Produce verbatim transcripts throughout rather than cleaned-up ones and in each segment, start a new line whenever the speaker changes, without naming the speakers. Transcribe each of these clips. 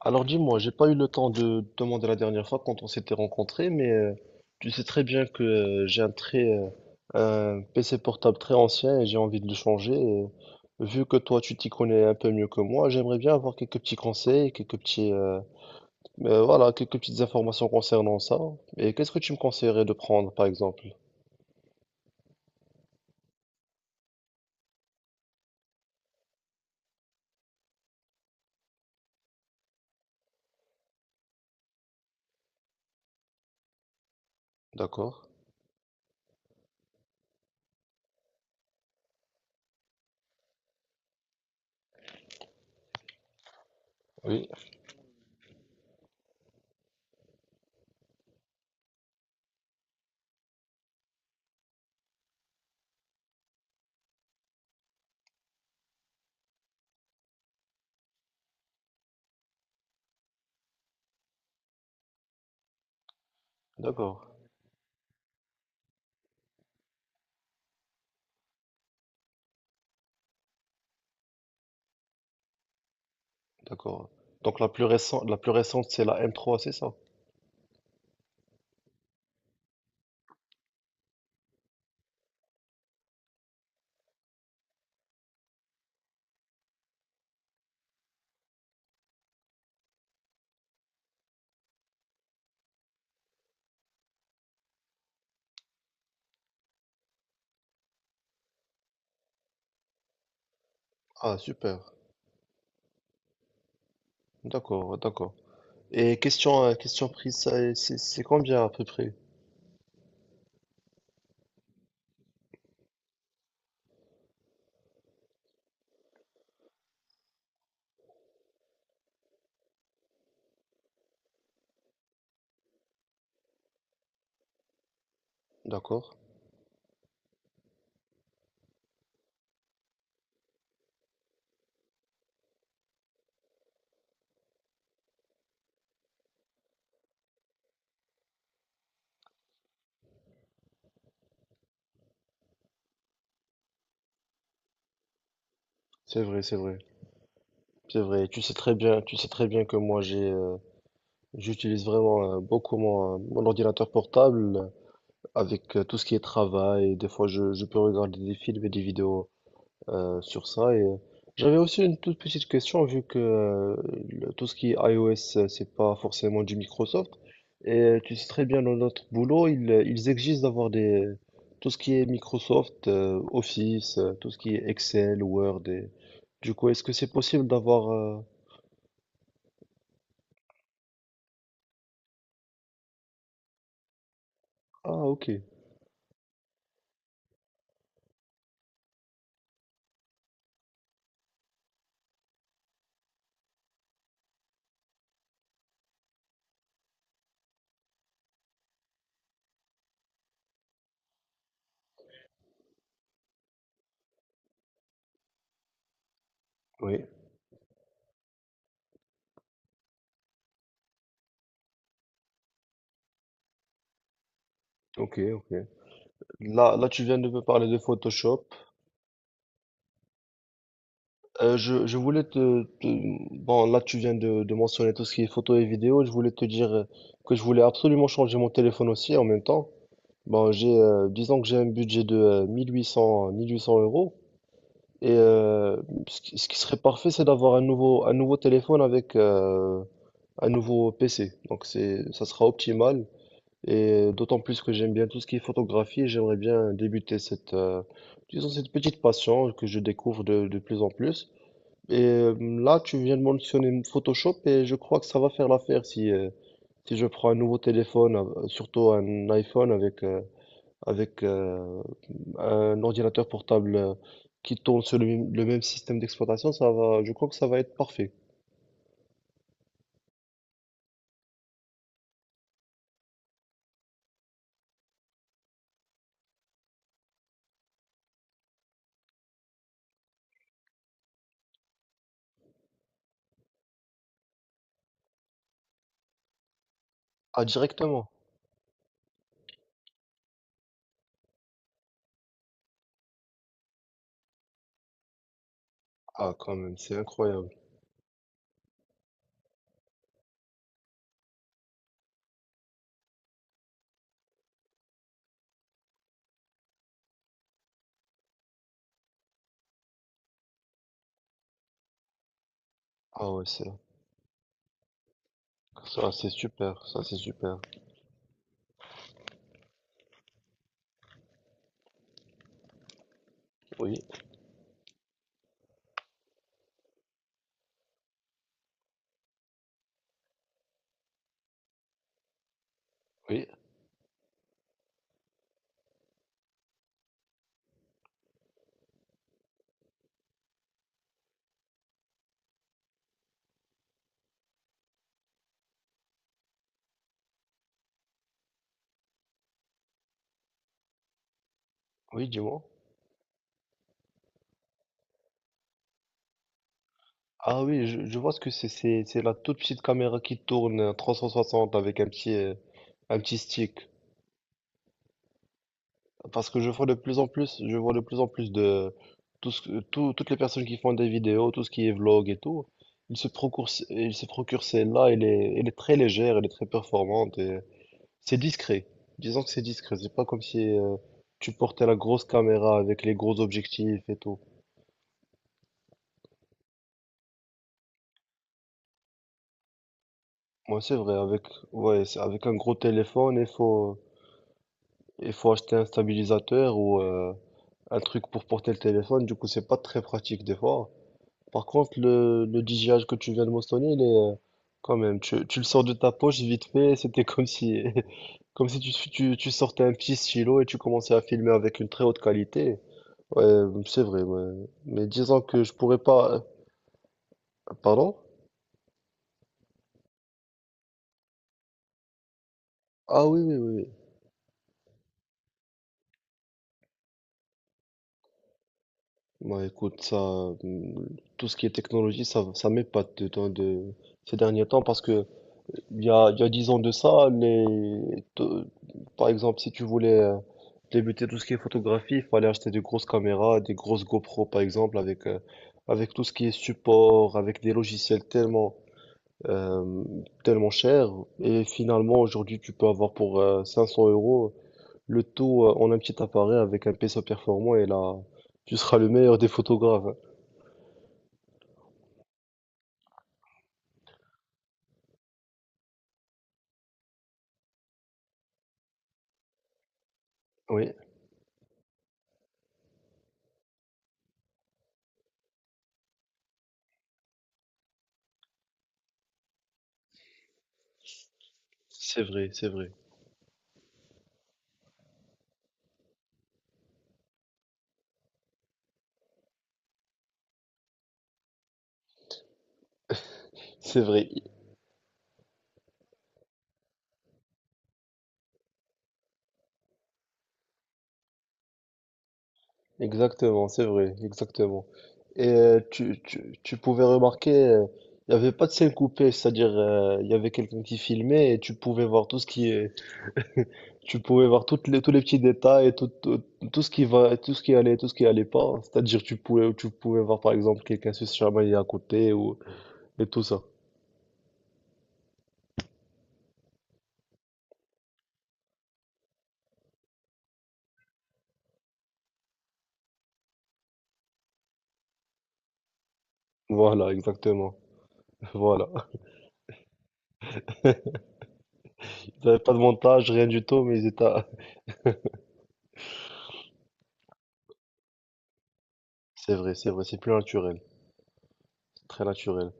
Alors dis-moi, j'ai pas eu le temps de te demander la dernière fois quand on s'était rencontrés, mais euh, tu sais très bien que euh, j'ai un très euh, un P C portable très ancien et j'ai envie de le changer. Et vu que toi tu t'y connais un peu mieux que moi, j'aimerais bien avoir quelques petits conseils, quelques petits euh, euh, voilà, quelques petites informations concernant ça. Et qu'est-ce que tu me conseillerais de prendre par exemple? D'accord? Oui, d'accord, d'accord. Donc la plus récente, la plus récente c'est la M trois, c'est ça? Ah super, d'accord, d'accord. Et question, euh, question prise, ça, c'est c'est combien à peu près? D'accord. C'est vrai, c'est vrai, c'est vrai. Tu sais très bien, tu sais très bien que moi j'ai, euh, j'utilise vraiment euh, beaucoup mon, euh, mon ordinateur portable euh, avec euh, tout ce qui est travail. Des fois, je, je peux regarder des films et des vidéos euh, sur ça. Et euh, j'avais aussi une toute petite question, vu que euh, le- tout ce qui est iOS, euh, c'est pas forcément du Microsoft. Et euh, tu sais très bien, dans notre boulot, ils, euh, ils exigent d'avoir des tout ce qui est Microsoft, euh, Office, euh, tout ce qui est Excel, Word. Et... Du coup, est-ce que c'est possible d'avoir euh, Ah, ok. Oui, ok, ok. Là, là, tu viens de me parler de Photoshop. Euh, je, je voulais te, te- Bon, là, tu viens de, de mentionner tout ce qui est photo et vidéo. Je voulais te dire euh, que je voulais absolument changer mon téléphone aussi en même temps. Bon, j'ai, euh, disons que j'ai un budget de euh, mille huit cents, mille huit cents euros. Et euh, ce qui, ce qui serait parfait, c'est d'avoir un nouveau, un nouveau téléphone avec euh, un nouveau P C. Donc, c'est, ça sera optimal. Et d'autant plus que j'aime bien tout ce qui est photographie. Et j'aimerais bien débuter cette, euh, disons, cette petite passion que je découvre de de plus en plus. Et euh, là, tu viens de mentionner Photoshop et je crois que ça va faire l'affaire si, euh, si je prends un nouveau téléphone, euh, surtout un iPhone avec, euh, avec euh, un ordinateur portable euh, qui tourne sur le, même le même système d'exploitation, ça va, je crois que ça va être parfait. Ah, directement. Ah, quand même, c'est incroyable. Ah ouais, c'est ça, c'est super, ça, c'est super. Oui. Oui, oui, dis-moi. Ah oui, je, je vois ce que c'est. C'est c'est la toute petite caméra qui tourne en trois cent soixante avec un petit, euh, un petit stick. Parce que je vois de plus en plus, je vois de plus en plus de tout ce que- tout- toutes les personnes qui font des vidéos, tout ce qui est vlog et tout, ils se procurent, ce- ils se procurent celle-là. Elle est, elle est très légère, elle est très performante et c'est discret. Disons que c'est discret. C'est pas comme si euh, tu portais la grosse caméra avec les gros objectifs et tout. Moi, c'est vrai, avec, ouais, c'est- avec un gros téléphone, il faut. Il faut acheter un stabilisateur ou euh, un truc pour porter le téléphone, du coup c'est pas très pratique des fois. Par contre le, le D J I que tu viens de mentionner, il est euh, quand même, tu, tu le sors de ta poche vite fait, c'était comme si comme si tu, tu, tu sortais un petit stylo et tu commençais à filmer avec une très haute qualité. Ouais, c'est vrai, ouais. Mais disons que je pourrais pas. euh, Pardon? Ah oui, oui, oui, oui. Bah écoute, ça, hum, tout ce qui est technologie, ça, ça m'épate de, de, de ces derniers temps parce que Il y a, il y a dix ans de ça, les... te- par exemple, si tu voulais euh, débuter tout ce qui est photographie, il fallait acheter des grosses caméras, des grosses GoPro par exemple, avec, euh, avec tout ce qui est support, avec des logiciels tellement, euh, tellement chers. Et finalement, aujourd'hui, tu peux avoir pour euh, cinq cents euros le tout euh, en un petit appareil avec un P C performant et là, tu seras le meilleur des photographes. Hein. Oui, c'est vrai, c'est vrai. C'est vrai. Exactement, c'est vrai, exactement. Et euh, tu, tu, tu pouvais remarquer, euh, il n'y avait pas de scène coupée, c'est-à-dire euh, il y avait quelqu'un qui filmait et tu pouvais voir tout ce qui est, tu pouvais voir toutes les, tous les petits détails et tout, tout, tout ce qui va, tout ce qui allait, tout ce qui allait pas. C'est-à-dire tu pouvais, tu pouvais voir par exemple quelqu'un se chamailler à côté ou et tout ça. Voilà, exactement. Voilà. Ils n'avaient pas de montage, rien du tout, mais ils étaient. C'est vrai, c'est vrai, c'est plus naturel, c'est très naturel.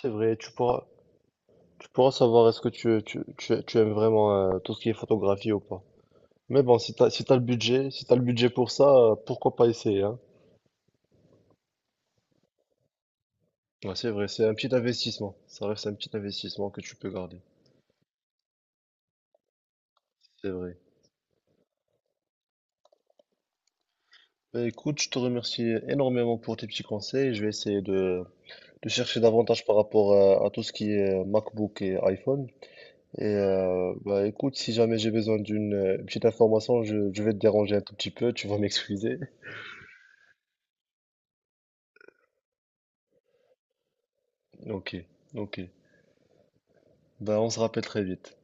C'est vrai, tu pourras. Tu pourras savoir est-ce que tu, tu, tu, tu aimes vraiment euh, tout ce qui est photographie ou pas. Mais bon, si t'as, si t'as le budget, si t'as le budget pour ça, euh, pourquoi pas essayer, hein? Ouais, c'est vrai, c'est un petit investissement. Ça reste un petit investissement que tu peux garder. C'est vrai. Bah, écoute, je te remercie énormément pour tes petits conseils. Je vais essayer de, de chercher davantage par rapport à, à tout ce qui est euh, MacBook et iPhone. Et euh, bah écoute, si jamais j'ai besoin d'une euh, petite information, je, je vais te déranger un tout petit peu, tu vas m'excuser. Ok, ok. Bah on se rappelle très vite.